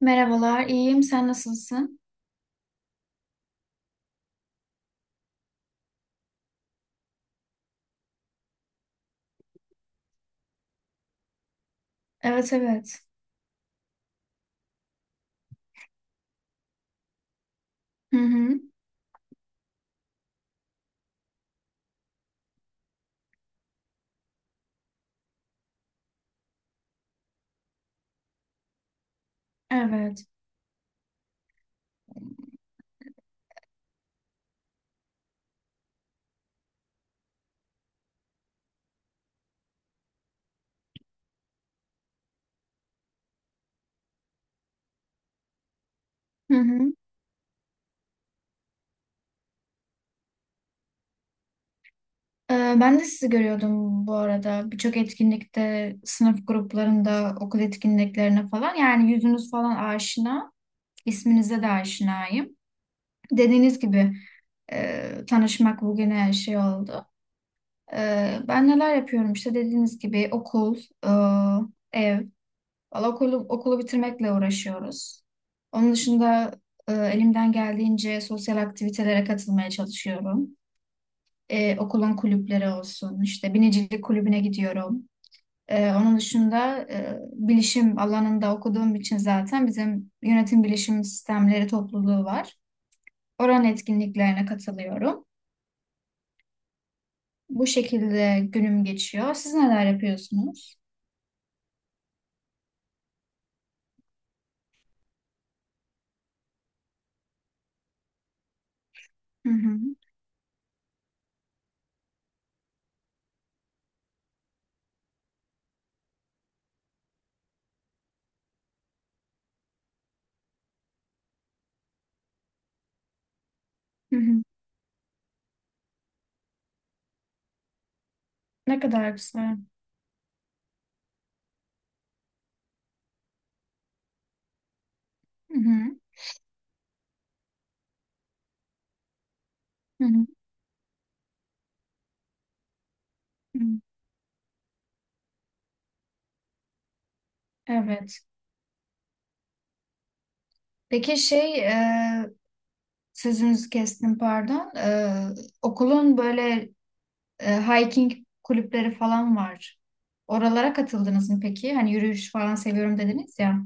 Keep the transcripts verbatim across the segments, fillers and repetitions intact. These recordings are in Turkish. Merhabalar, iyiyim. Sen nasılsın? Evet, evet. Hı hı. Evet. Hı hı. Ee, Ben de sizi görüyordum bu arada. Birçok etkinlikte, sınıf gruplarında, okul etkinliklerine falan. Yani yüzünüz falan aşina. İsminize de aşinayım. Dediğiniz gibi e, tanışmak bugüne her şey oldu. E, ben neler yapıyorum işte dediğiniz gibi okul, e, ev. Valla okulu, okulu bitirmekle uğraşıyoruz. Onun dışında e, elimden geldiğince sosyal aktivitelere katılmaya çalışıyorum. E, okulun kulüpleri olsun, işte binicilik kulübüne gidiyorum. E, onun dışında e, bilişim alanında okuduğum için zaten bizim yönetim bilişim sistemleri topluluğu var. Oranın etkinliklerine katılıyorum. Bu şekilde günüm geçiyor. Siz neler yapıyorsunuz? Hı hı, hı hı. Ne kadar güzel. Hı hı, hı hı, hı. Evet. Peki şey e, sözünüzü kestim pardon. E, okulun böyle e, hiking kulüpleri falan var. Oralara katıldınız mı peki? Hani yürüyüş falan seviyorum dediniz ya.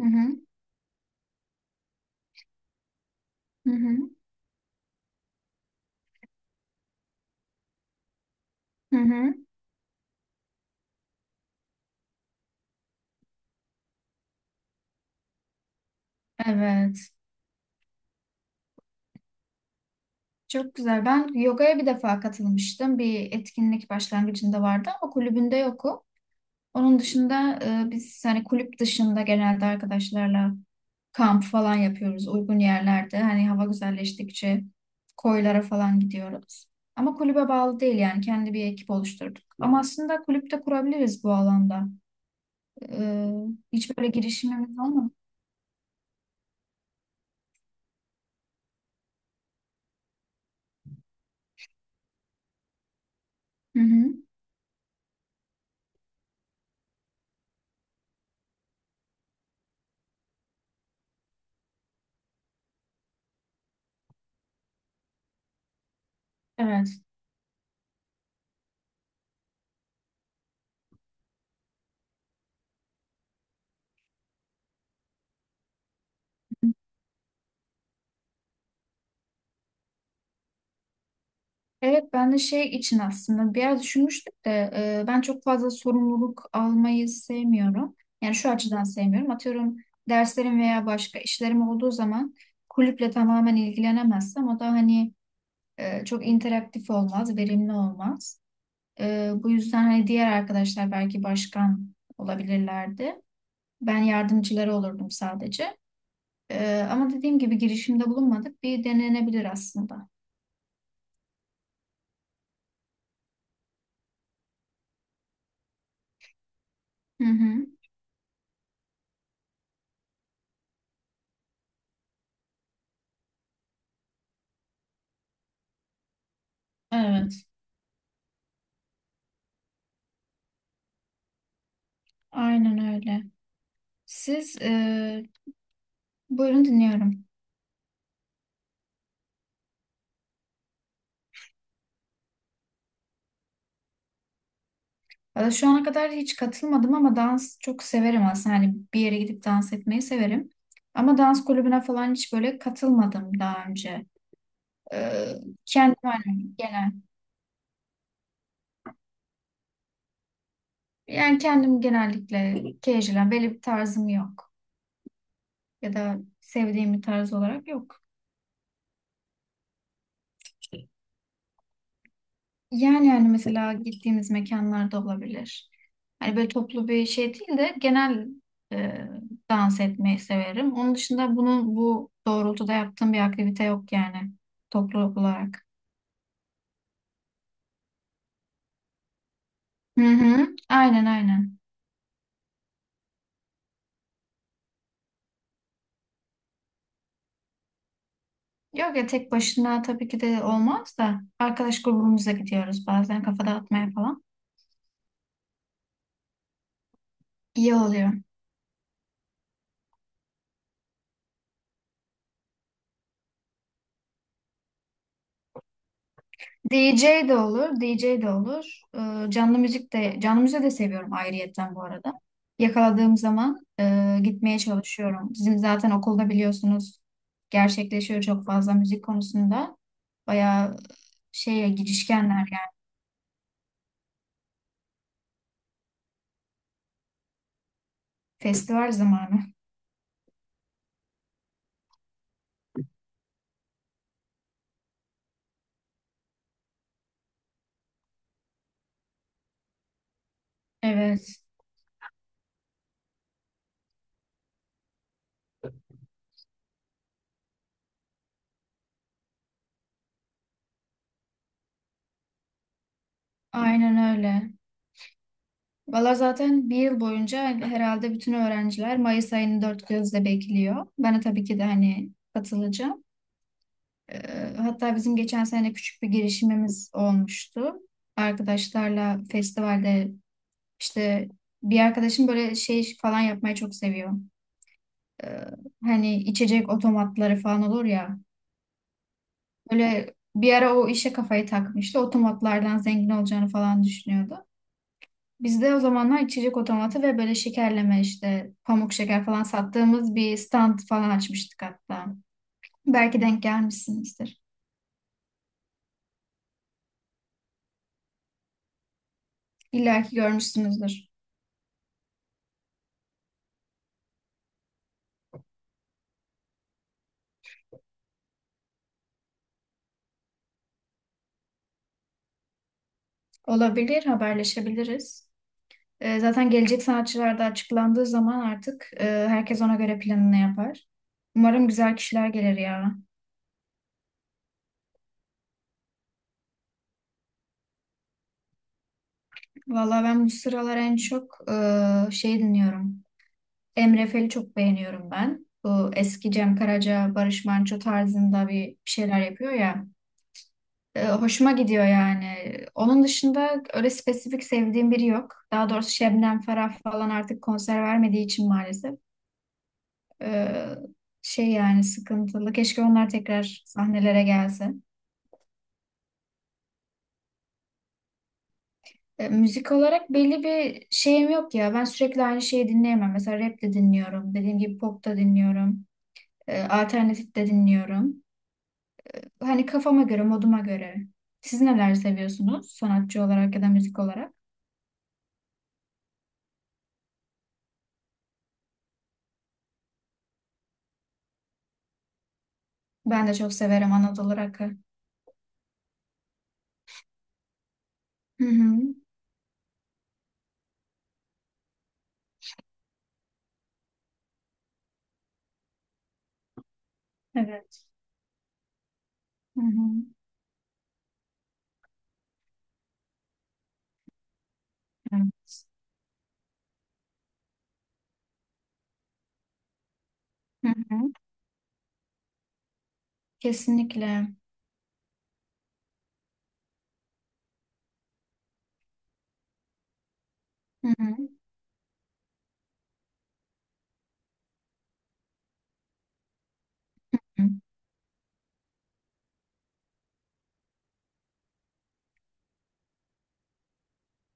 Hı hı, hı hı, hı hı. Evet. Çok güzel. Ben yogaya bir defa katılmıştım. Bir etkinlik başlangıcında vardı ama kulübünde yokum. Onun dışında e, biz hani kulüp dışında genelde arkadaşlarla kamp falan yapıyoruz uygun yerlerde. Hani hava güzelleştikçe koylara falan gidiyoruz. Ama kulübe bağlı değil yani kendi bir ekip oluşturduk. Ama aslında kulüpte kurabiliriz bu alanda. E, Hiç böyle girişimimiz olmadı. Hı hı. Evet. Evet ben de şey için aslında bir yer düşünmüştüm de e, ben çok fazla sorumluluk almayı sevmiyorum. Yani şu açıdan sevmiyorum. Atıyorum derslerim veya başka işlerim olduğu zaman kulüple tamamen ilgilenemezsem o da hani e, çok interaktif olmaz, verimli olmaz. E, bu yüzden hani diğer arkadaşlar belki başkan olabilirlerdi. Ben yardımcıları olurdum sadece. E, ama dediğim gibi girişimde bulunmadık. Bir denenebilir aslında. Hı hı. Evet. Aynen öyle. Siz e, buyurun dinliyorum. Valla şu ana kadar hiç katılmadım ama dans çok severim aslında. Hani bir yere gidip dans etmeyi severim. Ama dans kulübüne falan hiç böyle katılmadım daha önce. E, Kendim hani genel. Yani kendim genellikle casual, belli bir tarzım yok. Ya da sevdiğim bir tarz olarak yok. Yani yani mesela gittiğimiz mekanlarda olabilir. Hani böyle toplu bir şey değil de genel e, dans etmeyi severim. Onun dışında bunun bu doğrultuda yaptığım bir aktivite yok yani toplu olarak. Hı hı. Aynen aynen. Yok ya tek başına tabii ki de olmaz da arkadaş grubumuzla gidiyoruz bazen kafa dağıtmaya falan. İyi oluyor. D J de olur, D J de olur. Ee, canlı müzik de, canlı müziği de seviyorum ayrıyetten bu arada. Yakaladığım zaman e, gitmeye çalışıyorum. Bizim zaten okulda biliyorsunuz gerçekleşiyor çok fazla müzik konusunda. Bayağı şeye girişkenler yani festival zamanı. Evet, aynen öyle. Valla zaten bir yıl boyunca herhalde bütün öğrenciler Mayıs ayını dört gözle bekliyor. Ben de tabii ki de hani katılacağım. Ee, Hatta bizim geçen sene küçük bir girişimimiz olmuştu. Arkadaşlarla festivalde işte bir arkadaşım böyle şey falan yapmayı çok seviyor. Ee, Hani içecek otomatları falan olur ya. Böyle bir ara o işe kafayı takmıştı. Otomatlardan zengin olacağını falan düşünüyordu. Biz de o zamanlar içecek otomatı ve böyle şekerleme işte pamuk şeker falan sattığımız bir stand falan açmıştık hatta. Belki denk gelmişsinizdir. İlla ki görmüşsünüzdür. Olabilir, haberleşebiliriz. Ee, zaten gelecek sanatçılar da açıklandığı zaman artık e, herkes ona göre planını yapar. Umarım güzel kişiler gelir ya. Valla ben bu sıralar en çok e, şey dinliyorum. Emre Fel'i çok beğeniyorum ben. Bu eski Cem Karaca, Barış Manço tarzında bir şeyler yapıyor ya. E, hoşuma gidiyor yani. Onun dışında öyle spesifik sevdiğim biri yok. Daha doğrusu Şebnem Ferah falan artık konser vermediği için maalesef. Ee, Şey yani sıkıntılı. Keşke onlar tekrar sahnelere gelse. E, müzik olarak belli bir şeyim yok ya. Ben sürekli aynı şeyi dinleyemem. Mesela rap de dinliyorum. Dediğim gibi pop da dinliyorum. E, alternatif de dinliyorum. Hani kafama göre, moduma göre. Siz neler seviyorsunuz sanatçı olarak ya da müzik olarak? Ben de çok severim Anadolu Rock'ı. Hı hı. Evet. Hı hı. Evet. Hı hı. Kesinlikle. Hı hı.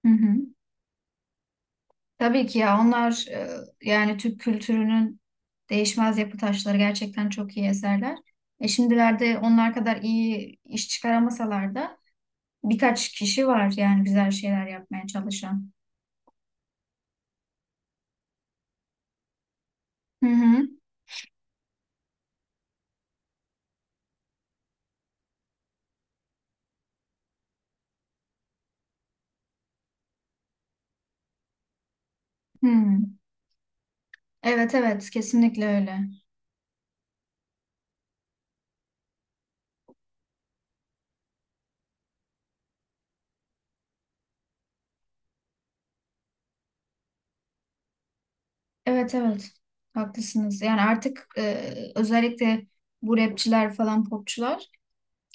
Hı hı. Tabii ki ya onlar e, yani Türk kültürünün değişmez yapı taşları gerçekten çok iyi eserler. E şimdilerde onlar kadar iyi iş çıkaramasalar da birkaç kişi var yani güzel şeyler yapmaya çalışan. Hı hı. Hı. Evet evet kesinlikle öyle. Evet evet haklısınız. Yani artık e, özellikle bu rapçiler falan popçular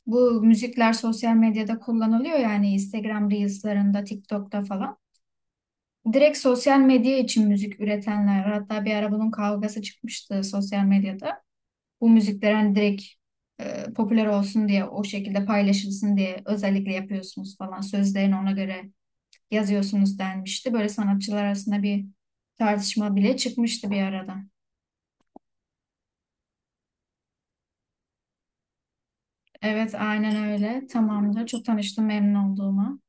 bu müzikler sosyal medyada kullanılıyor yani Instagram Reels'larında, TikTok'ta falan. Direkt sosyal medya için müzik üretenler, hatta bir ara bunun kavgası çıkmıştı sosyal medyada. Bu müzikler hani direkt e, popüler olsun diye, o şekilde paylaşılsın diye özellikle yapıyorsunuz falan. Sözlerini ona göre yazıyorsunuz denmişti. Böyle sanatçılar arasında bir tartışma bile çıkmıştı bir arada. Evet, aynen öyle. Tamamdır. Çok tanıştım memnun olduğuma.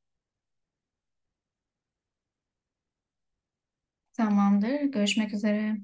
Tamamdır. Görüşmek üzere.